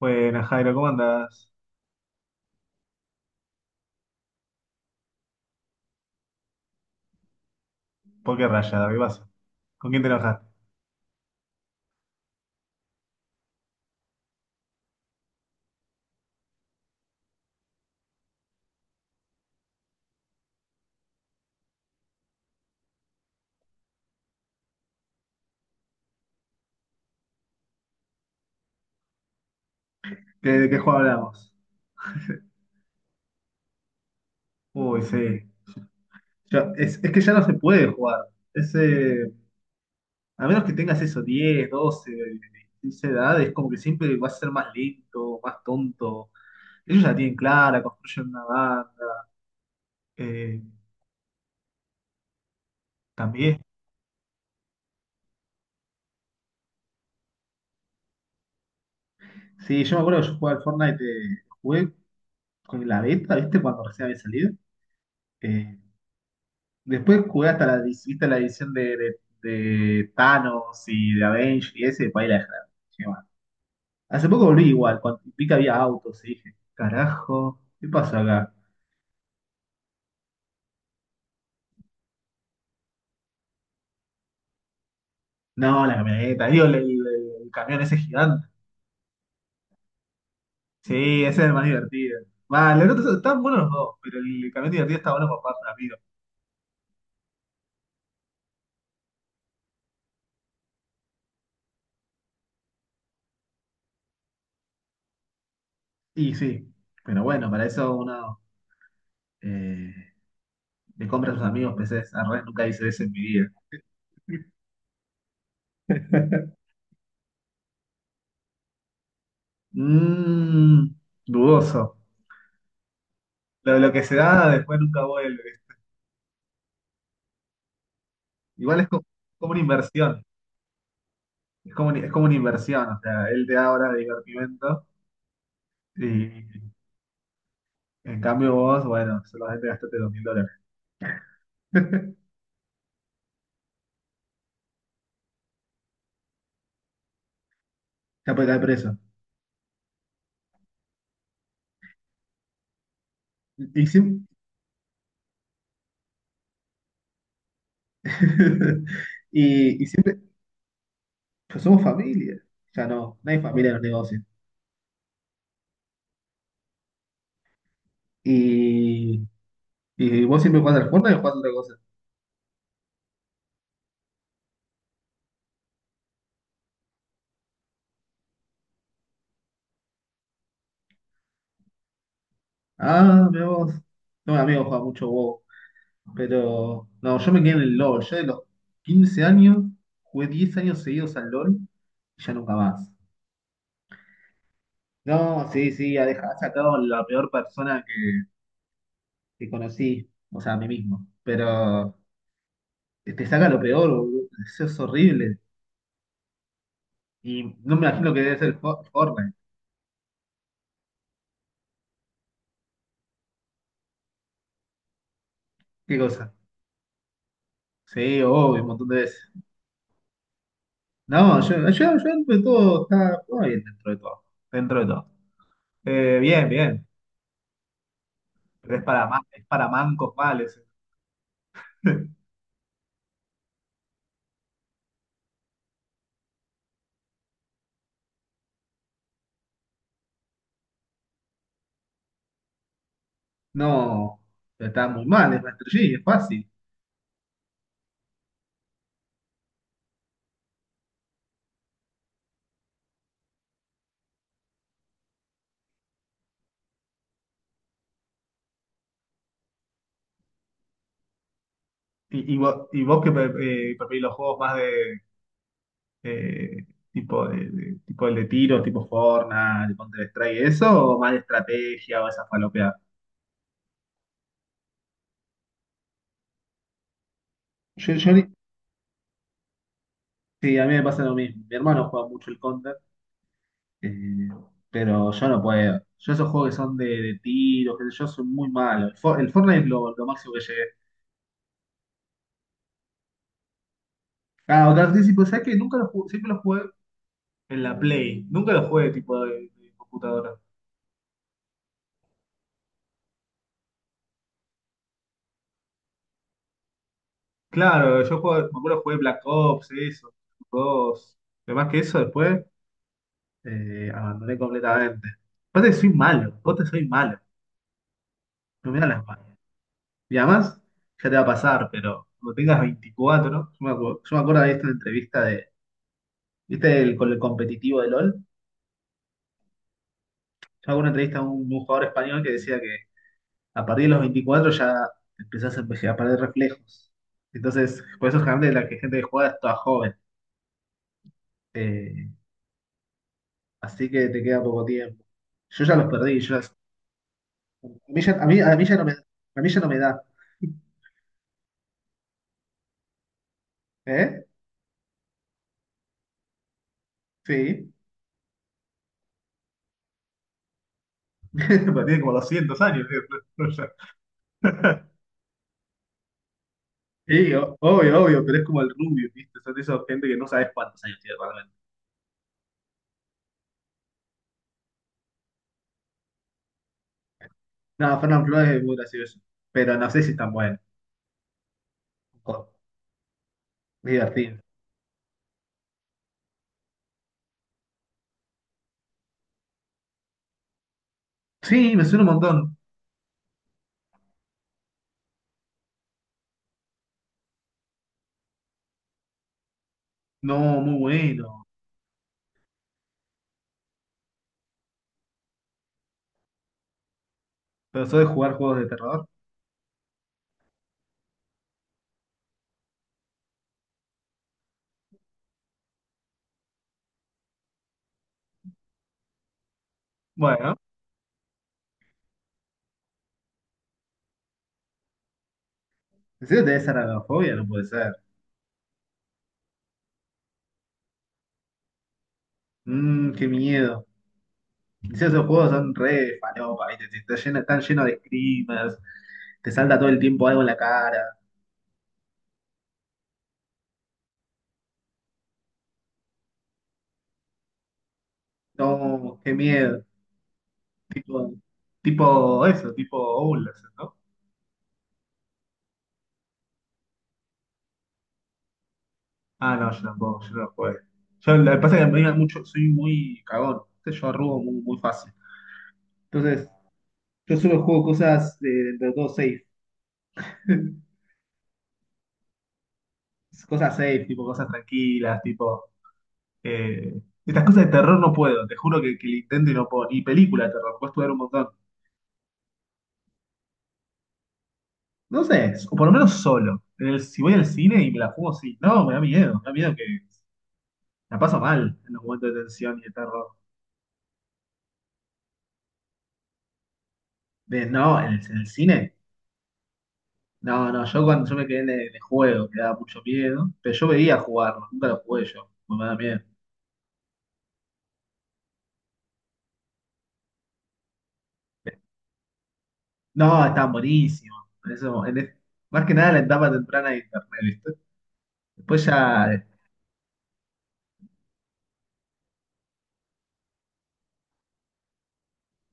Buenas, Jairo, ¿cómo andás? ¿Por qué raya, ¿qué pasa? ¿Con quién te enojaste? ¿Qué- ¿de qué juego hablamos? Uy, sí. Ya- es, que ya no se puede jugar. Es, a menos que tengas eso, 10 12 15 edades, es como que siempre vas a ser más lento, más tonto. Ellos ya tienen clara, construyen una banda. Eh, también. Sí, yo me acuerdo que yo jugaba al Fortnite, jugué con la beta, ¿viste? Cuando recién había salido. Eh, Después jugué hasta viste la edición de Thanos y de Avengers y ese, para ahí la dejé, dije, "Bueno". Hace poco volví igual, cuando vi que había autos y dije, carajo, ¿qué pasó acá? No, la camioneta, digo, el camión ese gigante. Sí, ese es el más divertido. Va, los otros están buenos los dos, pero el camión divertido está bueno para un amigos. Y sí, pero bueno, para eso uno eh, le compra a sus amigos PCs. Al revés, nunca hice eso en mi vida. Mmm, dudoso. Lo que se da después nunca vuelve. Igual es como, como una inversión. Es como, es como una inversión. O sea, él te da horas de divertimento y en cambio vos, bueno, solamente gastaste $2000. Ya puede caer preso. Y, y siempre, pues somos familia. Ya no, no hay familia en los negocios. Y, y vos siempre jugás al Fortnite o jugás a otra cosa. Ah, mira vos. No, mi amigo juega mucho WoW. Pero no, yo me quedé en el LOL. Yo de los 15 años jugué 10 años seguidos al LOL y ya nunca más. No, sí, sí, ha dejado, ha sacado la peor persona que conocí, o sea, a mí mismo. Pero te saca lo peor, boludo. Eso es horrible. Y no me imagino que debe ser Fortnite. ¿Qué cosa? Sí, obvio, un montón de veces. No, yo dentro de todo, está todo bien dentro de todo. Dentro de todo. Bien, bien. Pero es para, es para mancos males. No, pero está muy mal, es Master Yi, es fácil. ¿Y vos que preferís los juegos más de, eh, tipo tipo el de tiro, tipo Fortnite, Counter-Strike, eso, o más de estrategia o esas falopeas? Yo ni- sí, a mí me pasa lo mismo. Mi hermano juega mucho el Counter, eh, pero yo no puedo. Yo esos juegos que son de tiros, qué sé yo soy muy malo. El Fortnite es lo máximo que llegué. Ah, otra vez, sí, pues, ¿sabes qué? Nunca lo jugué, siempre lo jugué en la Play. Nunca lo jugué tipo de computadora. Claro, me acuerdo jugué Black Ops, eso, dos. Pero más que eso, después abandoné completamente. Aparte, soy malo, vos te soy malo, no me da las manos. Y además, ya te va a pasar, pero cuando tengas 24, yo me acuerdo de esta entrevista de, ¿viste el, con el competitivo de LOL? Yo hago una entrevista a un jugador español que decía que a partir de los 24 ya empezás a, a perder reflejos. Entonces, por eso generalmente la que gente que juega es toda joven. Eh, Así que te queda poco tiempo. Yo ya los perdí, a mí ya, a mí ya no me, a mí ya no me da. ¿Eh? Sí. Pero tiene como 200 años, tío. No, no, ya. Sí, obvio, obvio, pero es como el Rubio, ¿viste? Son de esas gente que no sabes cuántos años tiene realmente. No, Fernán Flores es muy gracioso, pero no sé si es tan bueno. O- divertido. Sí, me suena un montón. No, muy bueno. Pero soy de jugar juegos de terror. Bueno, ¿en serio te da esa aracnofobia? No puede ser. Mmm, qué miedo. Sí, esos juegos son re falopa, ¿viste? Están llenos de screamers, te salta todo el tiempo algo en la cara. No, qué miedo. Tipo, tipo eso, tipo Outlast, ¿no? Ah, no, yo tampoco, yo no lo jugué. Yo, lo que pasa es que me da mucho, soy muy cagón, ¿viste? Yo arrugo muy, muy fácil. Entonces, yo solo juego cosas dentro de todo safe. Cosas safe, tipo cosas tranquilas, tipo... eh, estas cosas de terror no puedo, te juro que lo intento y no puedo. Ni película de terror, puedes ver un montón. No sé, o por lo menos solo. Si voy al cine y me la juego, sí. No, me da miedo que la paso mal en los momentos de tensión y de terror. De, no, en el cine. No, no, yo cuando yo me quedé en el juego, que daba mucho miedo, pero yo veía jugarlo, nunca lo jugué yo, porque me da miedo. No, están buenísimos. En eso- en es- más que nada la etapa temprana de internet, ¿viste? Después ya,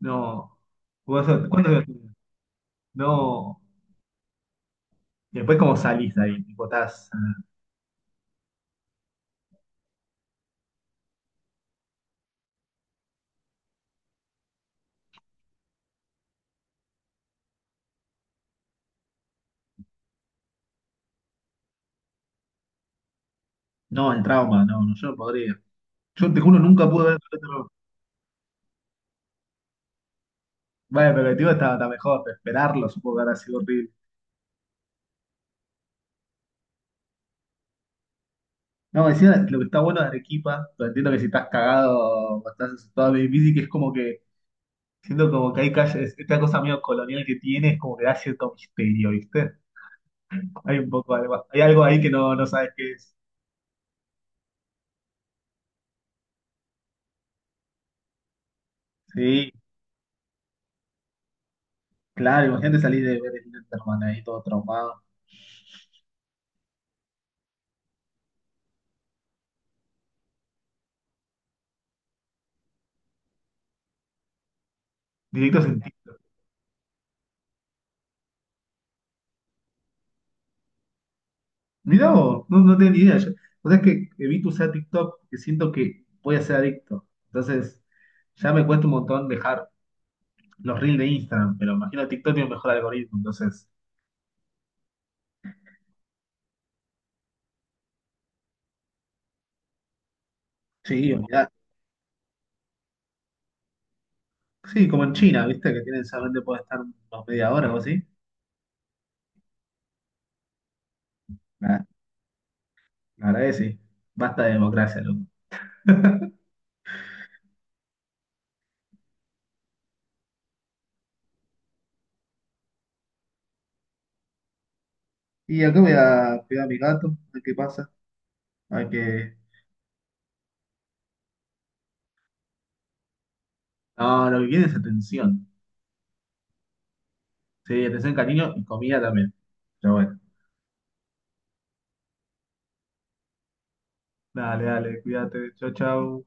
no. ¿Cuándo? No. Y después cómo salís de ahí, tipo, estás. No, el trauma, no, no, yo no podría. Yo te juro, nunca pude ver el otro. Bueno, pero el tío está, está mejor, pero esperarlo supongo que habrá sido horrible. No, encima lo que está bueno de Arequipa, lo entiendo que si estás cagado o estás asustado es difícil, que es como que, siento como que hay calles, esta cosa medio colonial que tiene es como que da cierto misterio, ¿viste? Hay un poco algo, hay algo ahí que no, no sabes qué es. Sí, claro, imagínate salir de ver el Enderman ahí todo traumado. Directo sentido. Mirá vos, no, no tenía ni idea. Yo, o sea sabés que evito usar TikTok, que siento que voy a ser adicto. Entonces, ya me cuesta un montón dejar los reels de Instagram, pero imagino TikTok tiene un mejor algoritmo. Entonces, sí, olvidate. Sí, como en China, ¿viste? Que tienen solamente puede estar unos 1/2 hora o así. Nah, la verdad que sí. Basta de democracia, loco. Y acá voy a cuidar a mi gato, a ver qué pasa. A ver qué. No, lo que quiere es atención. Sí, atención, cariño y comida también. Pero bueno. Dale, dale, cuídate. Chau, chau.